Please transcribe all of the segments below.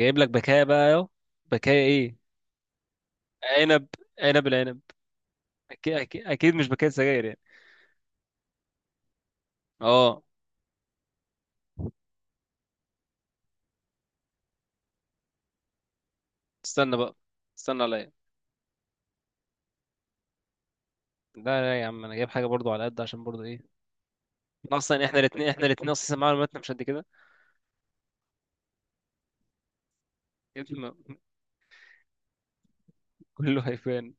جايب لك بكايه بقى اهو. بكايه ايه؟ عنب. العنب. أكيد مش بكايه سجاير يعني. اه. استنى استنى عليا. لا لا يا عم، انا جايب حاجه برضو على قد، عشان برضو ايه، اصلا احنا الاثنين اصلا معلوماتنا مش قد كده. اسم كله هيفان.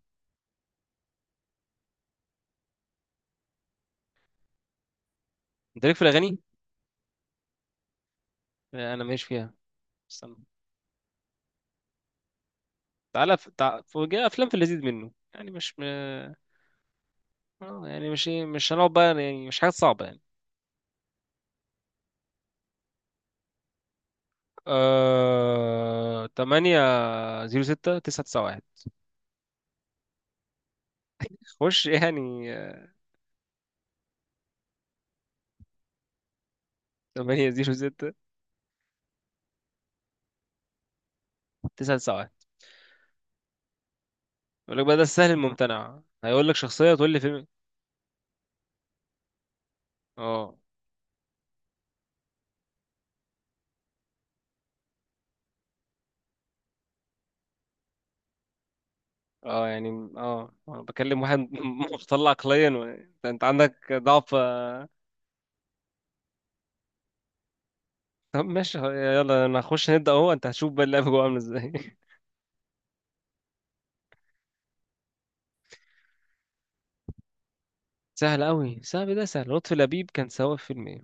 انت ليك في الاغاني. لا، انا ماشي فيها. استنى. تعالى في... في جاي افلام في اللذيذ منه، يعني مش م... آه، يعني مش ايه، مش هنقعد بقى يعني، مش حاجات صعبه يعني. 8 06 991. خش يعني. 8 0 6 9 9. يقول لك بقى ده السهل الممتنع، هيقول لك شخصية تقول لي فيلم. اه. اه يعني. اه انا بكلم واحد مختل عقليا انت عندك ضعف آه. طب ماشي، يلا انا هخش نبدأ اهو، انت هتشوف بقى اللعبة جوه عاملة ازاي. سهل قوي، سهل ده، سهل. لطفي لبيب كان سوا في فيلم ايه؟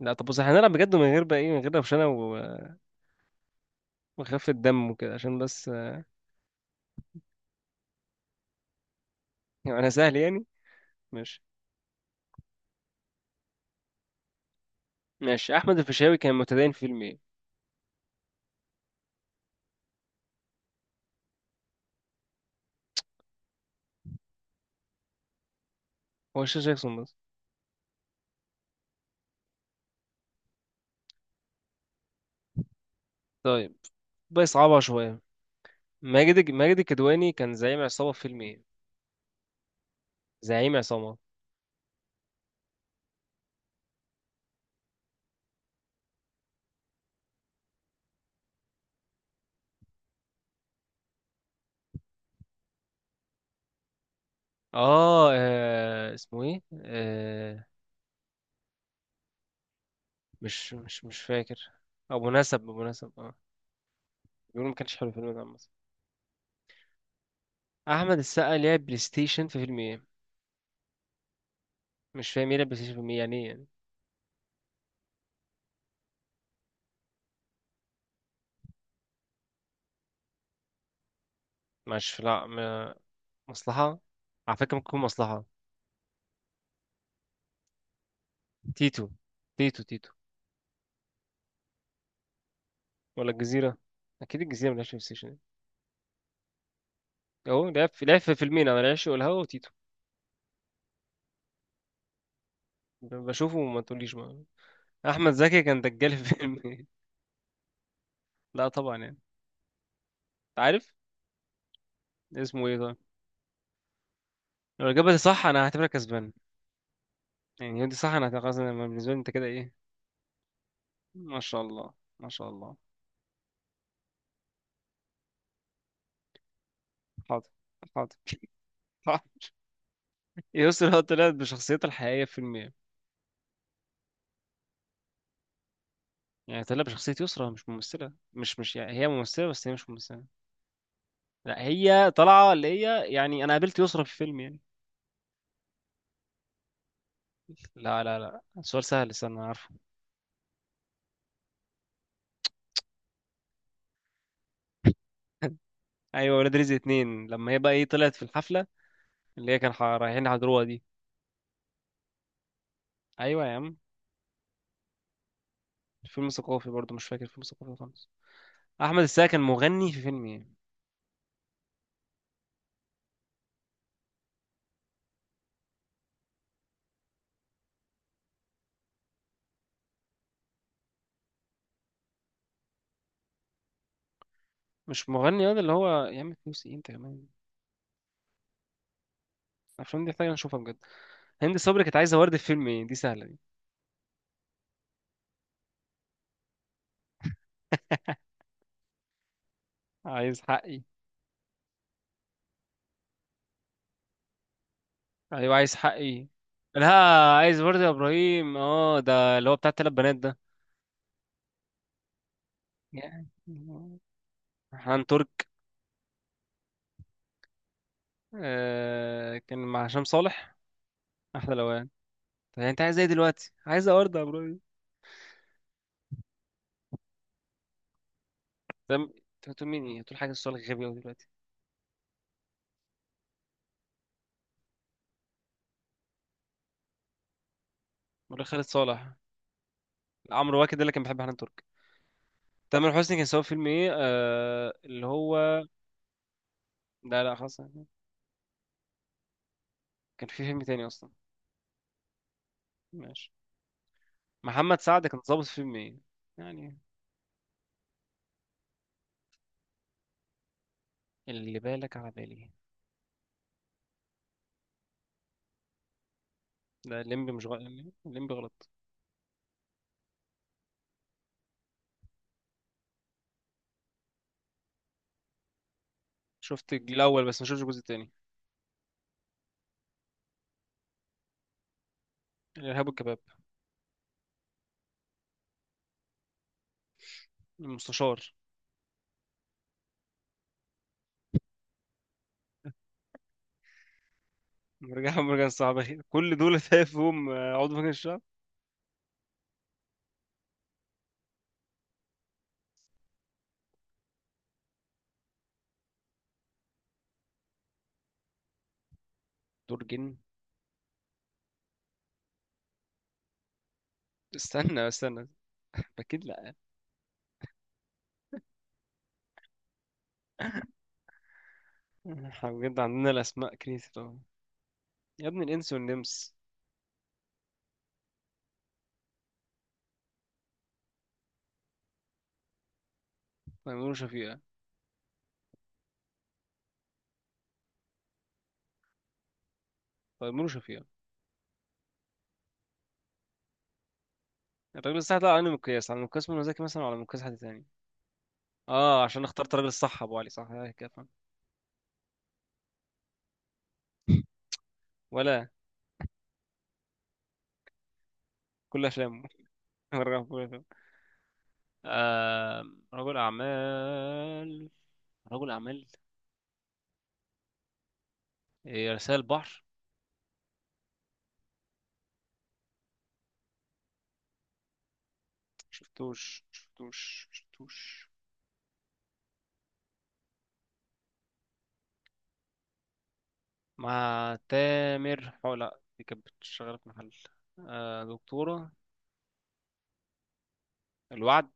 لا طب بص، إحنا هنلعب بجد من غير بقى ايه، من غير روشنة وخفة دم وكده، عشان بس آه، يعني انا سهل يعني. ماشي. ماشي. احمد الفيشاوي كان متدين في فيلم ايه؟ هو الشيخ جاكسون بس. طيب، بقى صعبة شوية. ماجد الكدواني كان زعيم عصابة في فيلم ايه؟ زعيم عصابة. اه آه، اسمه ايه؟ آه مش فاكر. ابو نسب اه. بيقولوا ما كانش حلو الفيلم ده عامة. احمد السقا لعب بلاي ستيشن في فيلم ايه؟ مش فاهم ايه لعب بلاي ستيشن في فيلم ايه، يعني ايه يعني؟ مش لا مصلحة. على فكرة ممكن تكون مصلحة. تيتو تيتو تيتو. ولا الجزيرة؟ اكيد الجزيرة ما لعبش بلاي ستيشن. اهو لعب في، لعب في فيلمين انا، العشق والهوا وتيتو. بشوفه وما تقوليش بقى. احمد زكي كان دجال في فيلم إيه؟ لا طبعا يعني. انت عارف. اسمه ايه طيب؟ لو الاجابه دي صح انا هعتبرك كسبان، يعني لو دي صح انا هتبقى كسبان أنا، بالنسبه لي انت كده ايه. ما شاء الله، ما شاء الله. حاضر. حاضر حاضر. يسرا طلعت بشخصيتها الحقيقيه في فيلم ايه؟ يعني طلعت بشخصيه يسرا مش ممثله، مش يعني هي ممثله بس هي مش ممثله. لا هي طالعه اللي هي، يعني انا قابلت يسرا في فيلم يعني. لا سؤال سهل، استنى انا عارفه. ايوه، ولاد رزق اتنين لما هي بقى ايه طلعت في الحفله، اللي هي كان رايحين يحضروها دي. ايوه يا عم. فيلم ثقافي برضه مش فاكر، فيلم ثقافي خالص. احمد السقا كان مغني في فيلم ايه؟ مش مغني هذا اللي هو يا عم، فلوس ايه انت كمان. الافلام دي محتاجه نشوفها بجد. هند صبري كانت عايزه ورد في فيلم ايه، دي سهله دي. عايز حقي. ايوه عايز حقي. لا عايز ورد يا ابراهيم، اه ده اللي هو بتاع التلات بنات ده. يا- حنان ترك. آه كان مع هشام صالح، احلى لوان. طب يعني انت عايز ايه دلوقتي، عايز ورد يا ابراهيم. طب انت بتقول مين، ايه بتقول حاجه، السؤال غبي قوي دلوقتي. مرة خالد صالح. عمرو واكد ده اللي كان بيحب حنان ترك. تامر حسني كان سوا فيلم ايه آه اللي هو. لا لا خلاص. كان في فيلم تاني اصلا. ماشي. محمد سعد كان ظابط في فيلم ايه يعني؟ اللي بالك على بالي. لا الليمبي مش غلط. الليمبي غلط. شفت الاول بس، ما شفتش الجزء التاني. الارهاب والكباب. المستشار. مرجع صعب أخي. كل دول تلاقي فيهم آه، عضو مجلس الشعب. دور جن. استنى. اكيد لا. احنا بجد عندنا الاسماء كريتيف أوي. يا ابن الانس والنمس. تيمور وشفيقة. تيمور وشفيقة. يعني الراجل الصح ده على أنهي مقياس، على مقياس منى زكي مثلا ولا على مقياس حد تاني. اه عشان اخترت الراجل الصح ابو علي صح آه، كده فاهم. ولا كل افلامه. رغم كل أفلامه. آه. رجل اعمال. رجل اعمال. إيه، رسائل بحر. شفتوش. مع تامر حو، لا دي كانت شغاله في محل. آه دكتوره. الوعد.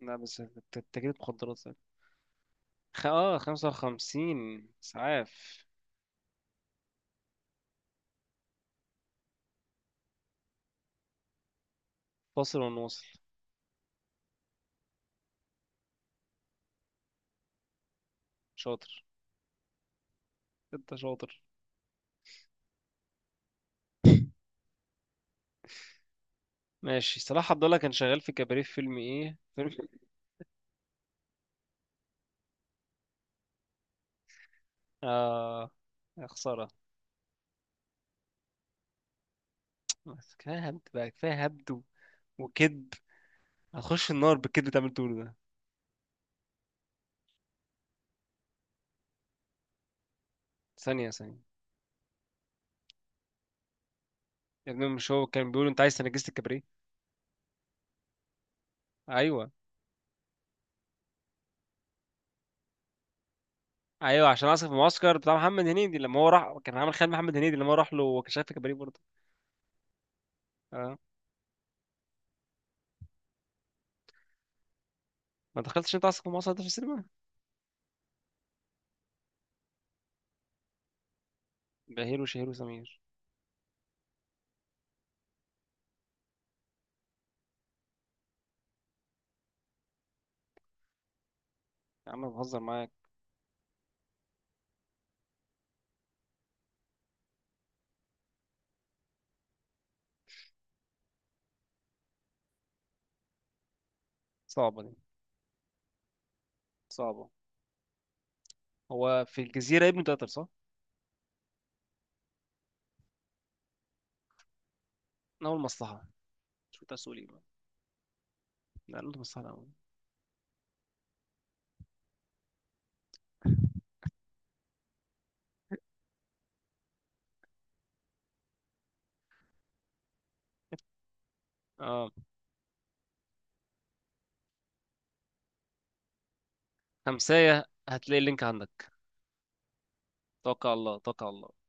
لا بس، تجارة مخدرات. خمسة وخمسين إسعاف. فاصل ونواصل. شاطر. انت شاطر. ماشي. صلاح عبد الله كان شغال في كباريه في فيلم ايه، فيلم اه، يا خسارة. بس كفاية هبد بقى، كفاية هبد وكذب. هخش النار بالكذب اللي انت بتعمله ده. ثانية. يا ابني مش هو كان بيقول انت عايز تنجسة الكباريه. ايوه. ايوه عشان اسف المعسكر بتاع محمد هنيدي لما هو راح كان عامل خيال محمد هنيدي لما هو راح له، وكان شغال في كباريه برضه. اه. ما دخلتش انت اسف المعسكر ده في السينما. بهير وشهير وسمير. يا عم بهزر معاك. صعبة دي. صعبة. هو في الجزيرة ابن تقدر صح؟ أول مصلحة. شو تسولي. لا اللهم صل على محمد. اه. خمسية، هتلاقي اللينك عندك. توكل على الله، توكل على الله.